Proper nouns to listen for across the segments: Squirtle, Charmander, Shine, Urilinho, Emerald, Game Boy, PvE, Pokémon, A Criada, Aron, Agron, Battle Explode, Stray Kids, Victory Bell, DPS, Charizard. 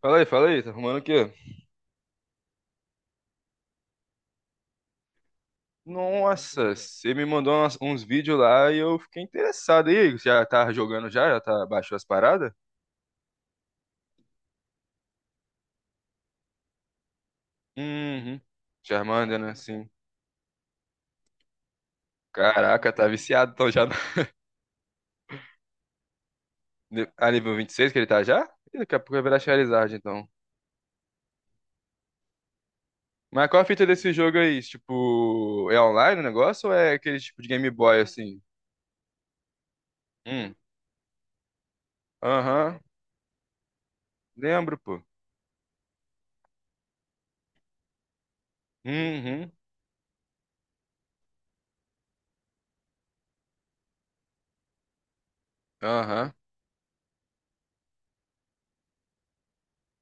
Fala aí, tá arrumando o quê? Nossa, você me mandou uns vídeos lá e eu fiquei interessado. E aí, já tá jogando já? Já tá, baixou as paradas? Uhum. Charmander, né? Sim. Caraca, tá viciado então já. A nível 26 que ele tá já? Ih, daqui a pouco vai virar Charizard, então. Mas qual a fita desse jogo aí? Tipo, é online o negócio ou é aquele tipo de Game Boy assim? Hum. Aham. Lembro, pô. Uhum. Aham.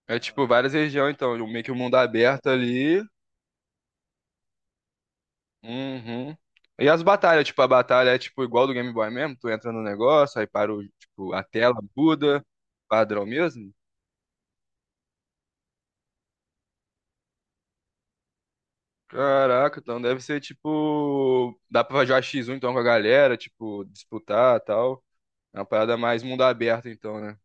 É tipo várias regiões, então. Meio que o mundo aberto ali. Uhum. E as batalhas, tipo, a batalha é tipo igual do Game Boy mesmo, tu entra no negócio, aí para o, tipo, a tela muda, padrão mesmo. Caraca, então deve ser tipo, dá pra jogar X1 então com a galera, tipo, disputar, tal. É uma parada mais mundo aberto então, né?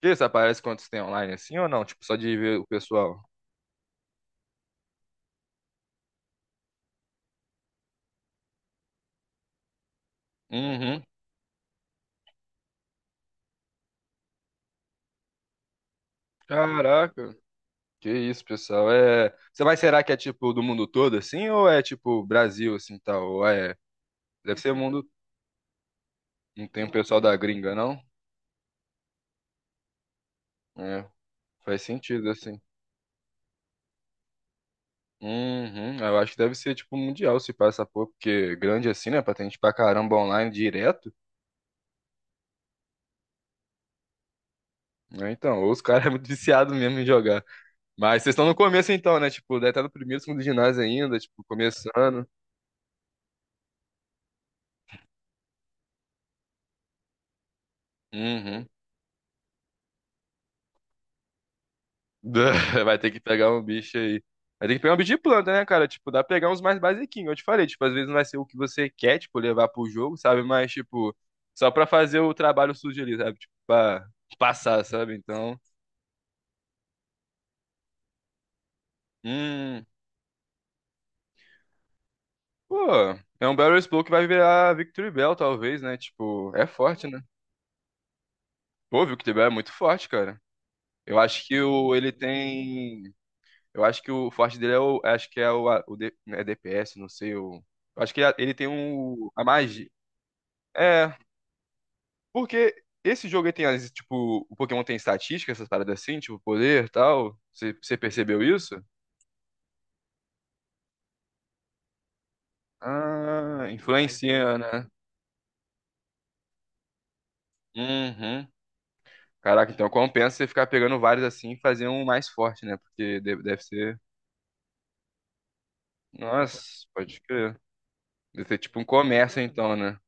Que isso aparece quando você tem online assim ou não? Tipo, só de ver o pessoal. Uhum. Caraca. Que isso, pessoal. É, você vai será que é tipo do mundo todo assim ou é tipo Brasil assim, tal? Ou é, deve ser mundo. Não tem o pessoal da gringa, não? É, faz sentido, assim. Uhum, eu acho que deve ser, tipo, mundial se passa por, porque grande assim, né? Pra ter gente pra caramba online direto, né? Então, ou os caras é muito viciado mesmo em jogar. Mas vocês estão no começo então, né? Tipo, deve estar no primeiro, segundo ginásio ainda, tipo, começando. Uhum. Vai ter que pegar um bicho aí. Vai ter que pegar um bicho de planta, né, cara? Tipo, dá pra pegar uns mais basiquinhos. Eu te falei, tipo, às vezes não vai ser o que você quer, tipo, levar pro jogo, sabe? Mas, tipo, só pra fazer o trabalho sujo ali, sabe? Tipo, pra passar, sabe? Então, hum, pô, é um Battle Explode que vai virar Victory Bell, talvez, né? Tipo, é forte, né? Pô, o Victory Bell é muito forte, cara. Eu acho que o, ele tem. Eu acho que o forte dele é o. Acho que é o. É DPS, não sei. O, eu acho que ele tem um. A magia. É, porque esse jogo aí tem, tipo, o Pokémon tem estatística, essas paradas assim, tipo, poder e tal. Você percebeu isso? Ah, influencia, né? Uhum. Caraca, então compensa você ficar pegando vários assim e fazer um mais forte, né? Porque deve ser. Nossa, pode crer. Deve ser tipo um comércio, então, né?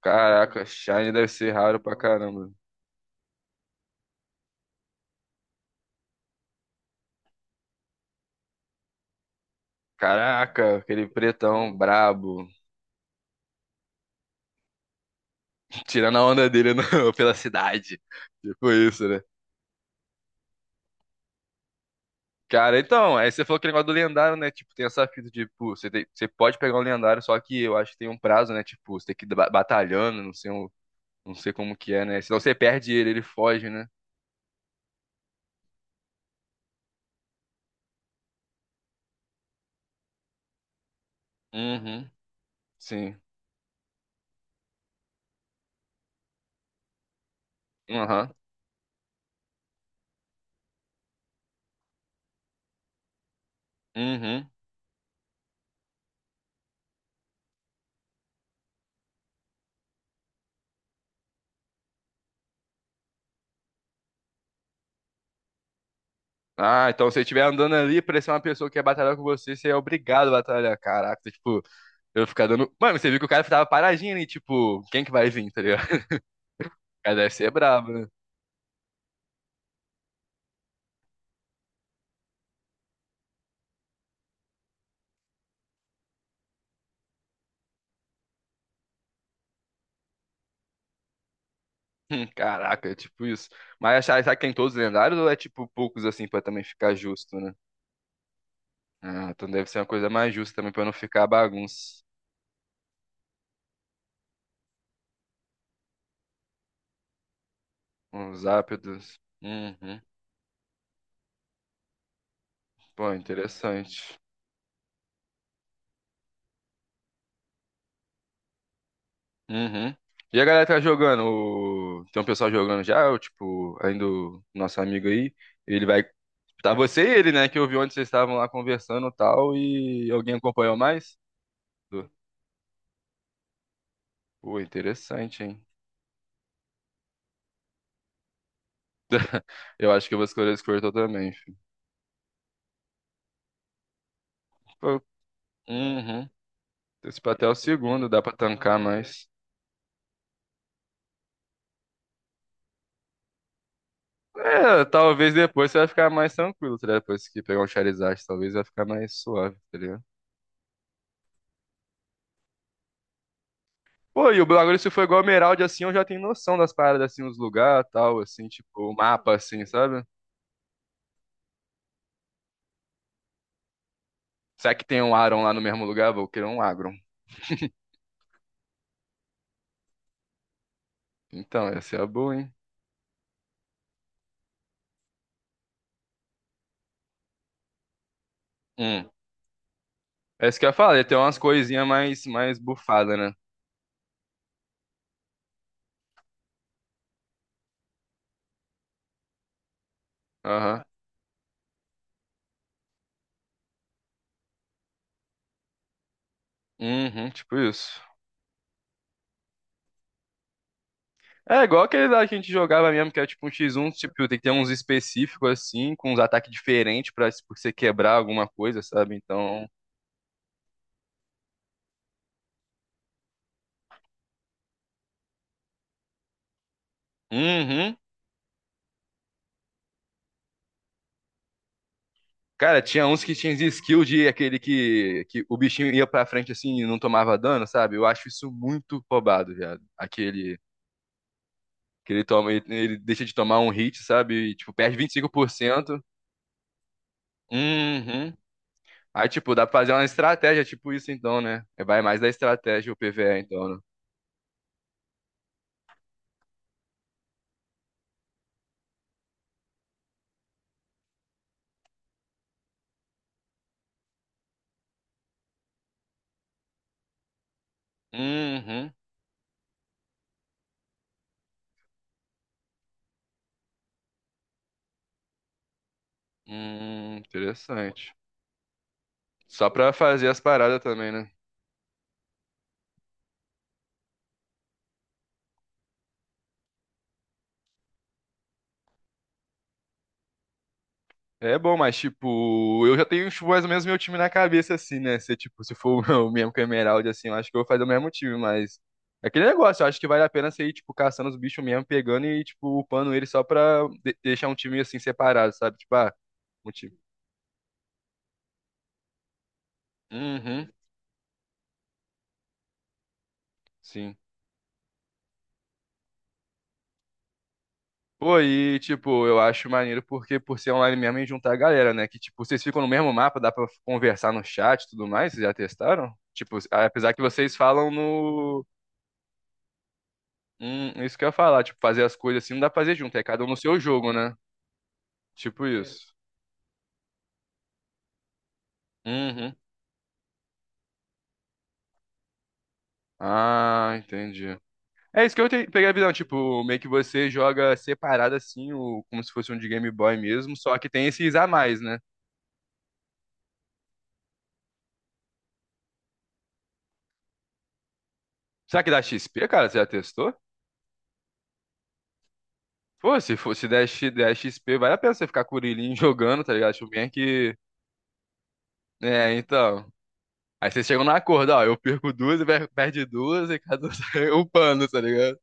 Caraca, Shine deve ser raro pra caramba. Caraca, aquele pretão brabo. Tirando a onda dele pela cidade. Tipo isso, né? Cara, então, aí você falou aquele negócio do lendário, né? Tipo, tem essa fita, tipo, você pode pegar um lendário, só que eu acho que tem um prazo, né? Tipo, você tem que ir batalhando, não sei, não sei como que é, né? Senão você perde ele, ele foge, né? Uhum, sim. Aham, uhum. Ah, então se você estiver andando ali, parecer uma pessoa que quer batalhar com você, você é obrigado a batalhar. Caraca, tipo, eu ficar dando. Mano, você viu que o cara tava paradinho ali, tipo, quem que vai vir, tá ligado? O cara deve ser brabo, né? Caraca, é tipo isso. Mas achar que tem todos lendários ou é tipo poucos assim pra também ficar justo, né? Ah, então deve ser uma coisa mais justa também pra não ficar bagunça. Os ápidos. Uhum. Pô, interessante. Uhum. E a galera tá jogando? Tem um pessoal jogando já? Ou, tipo, ainda o nosso amigo aí, ele vai. Tá você e ele, né? Que eu vi onde vocês estavam lá conversando e tal. E alguém acompanhou mais? Pô, interessante, hein? Eu acho que eu vou escolher o Squirtle também, filho. Pô, uhum. Esse pra até o segundo, dá pra tancar mais. É, talvez depois você vai ficar mais tranquilo, tá ligado? Depois que pegar um Charizard, talvez vai ficar mais suave, tá ligado? Pô, e o bagulho, se for igual Emerald, assim, eu já tenho noção das paradas, assim, os lugares, tal, assim, tipo, o mapa, assim, sabe? Será que tem um Aron lá no mesmo lugar? Vou querer um Agron. Então, essa é a boa, hein? Hum. É isso que eu ia falar, ia ter umas coisinhas mais bufadas, né? Aham. Uhum, tipo isso. É igual aquele lá que a gente jogava mesmo, que é tipo um X1, tipo, tem que ter uns específicos assim, com uns ataques diferentes pra pra você quebrar alguma coisa, sabe? Então. Uhum. Cara, tinha uns que tinham skill de aquele que o bichinho ia pra frente assim e não tomava dano, sabe? Eu acho isso muito roubado, viado. Aquele que ele toma, ele deixa de tomar um hit, sabe? E, tipo, perde 25%. Uhum. Aí, tipo, dá pra fazer uma estratégia, tipo isso então, né? Vai mais da estratégia o PvE, então, né? Uhum. Interessante. Só pra fazer as paradas também, né? É bom, mas tipo, eu já tenho tipo, mais ou menos meu time na cabeça, assim, né? Se, tipo, se for o mesmo com a Emerald, assim, eu acho que eu vou fazer o mesmo time, mas. É aquele negócio, eu acho que vale a pena você ir, tipo, caçando os bichos mesmo, pegando e, tipo, upando ele só pra deixar um time assim separado, sabe? Tipo, ah, um time. Uhum, sim. Pô, e, tipo, eu acho maneiro porque por ser online mesmo e juntar a galera, né? Que, tipo, vocês ficam no mesmo mapa, dá pra conversar no chat e tudo mais, vocês já testaram? Tipo, apesar que vocês falam no... isso que eu ia falar, tipo, fazer as coisas assim não dá pra fazer junto, é cada um no seu jogo, né? Tipo isso. Uhum. Ah, entendi. É isso que eu peguei a visão, tipo, meio que você joga separado assim, como se fosse um de Game Boy mesmo, só que tem esses a mais, né? Será que dá XP, cara? Você já testou? Pô, se der XP, vale a pena você ficar com o Urilinho jogando, tá ligado? Tipo, bem que. É, então. Aí vocês chegam no acordo, ó. Eu perco duas, e perde duas, e cada um sai upando, tá ligado?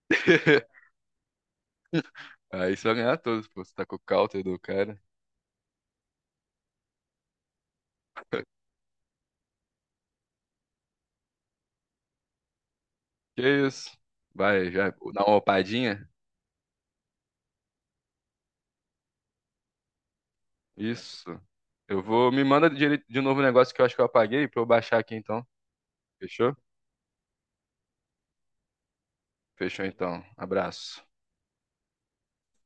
Aí você vai ganhar todos, pô. Você tá com o counter do cara. Que isso? Vai, já dá uma opadinha? Isso. Eu vou. Me manda de novo o negócio que eu acho que eu apaguei pra eu baixar aqui então. Fechou? Fechou então. Abraço.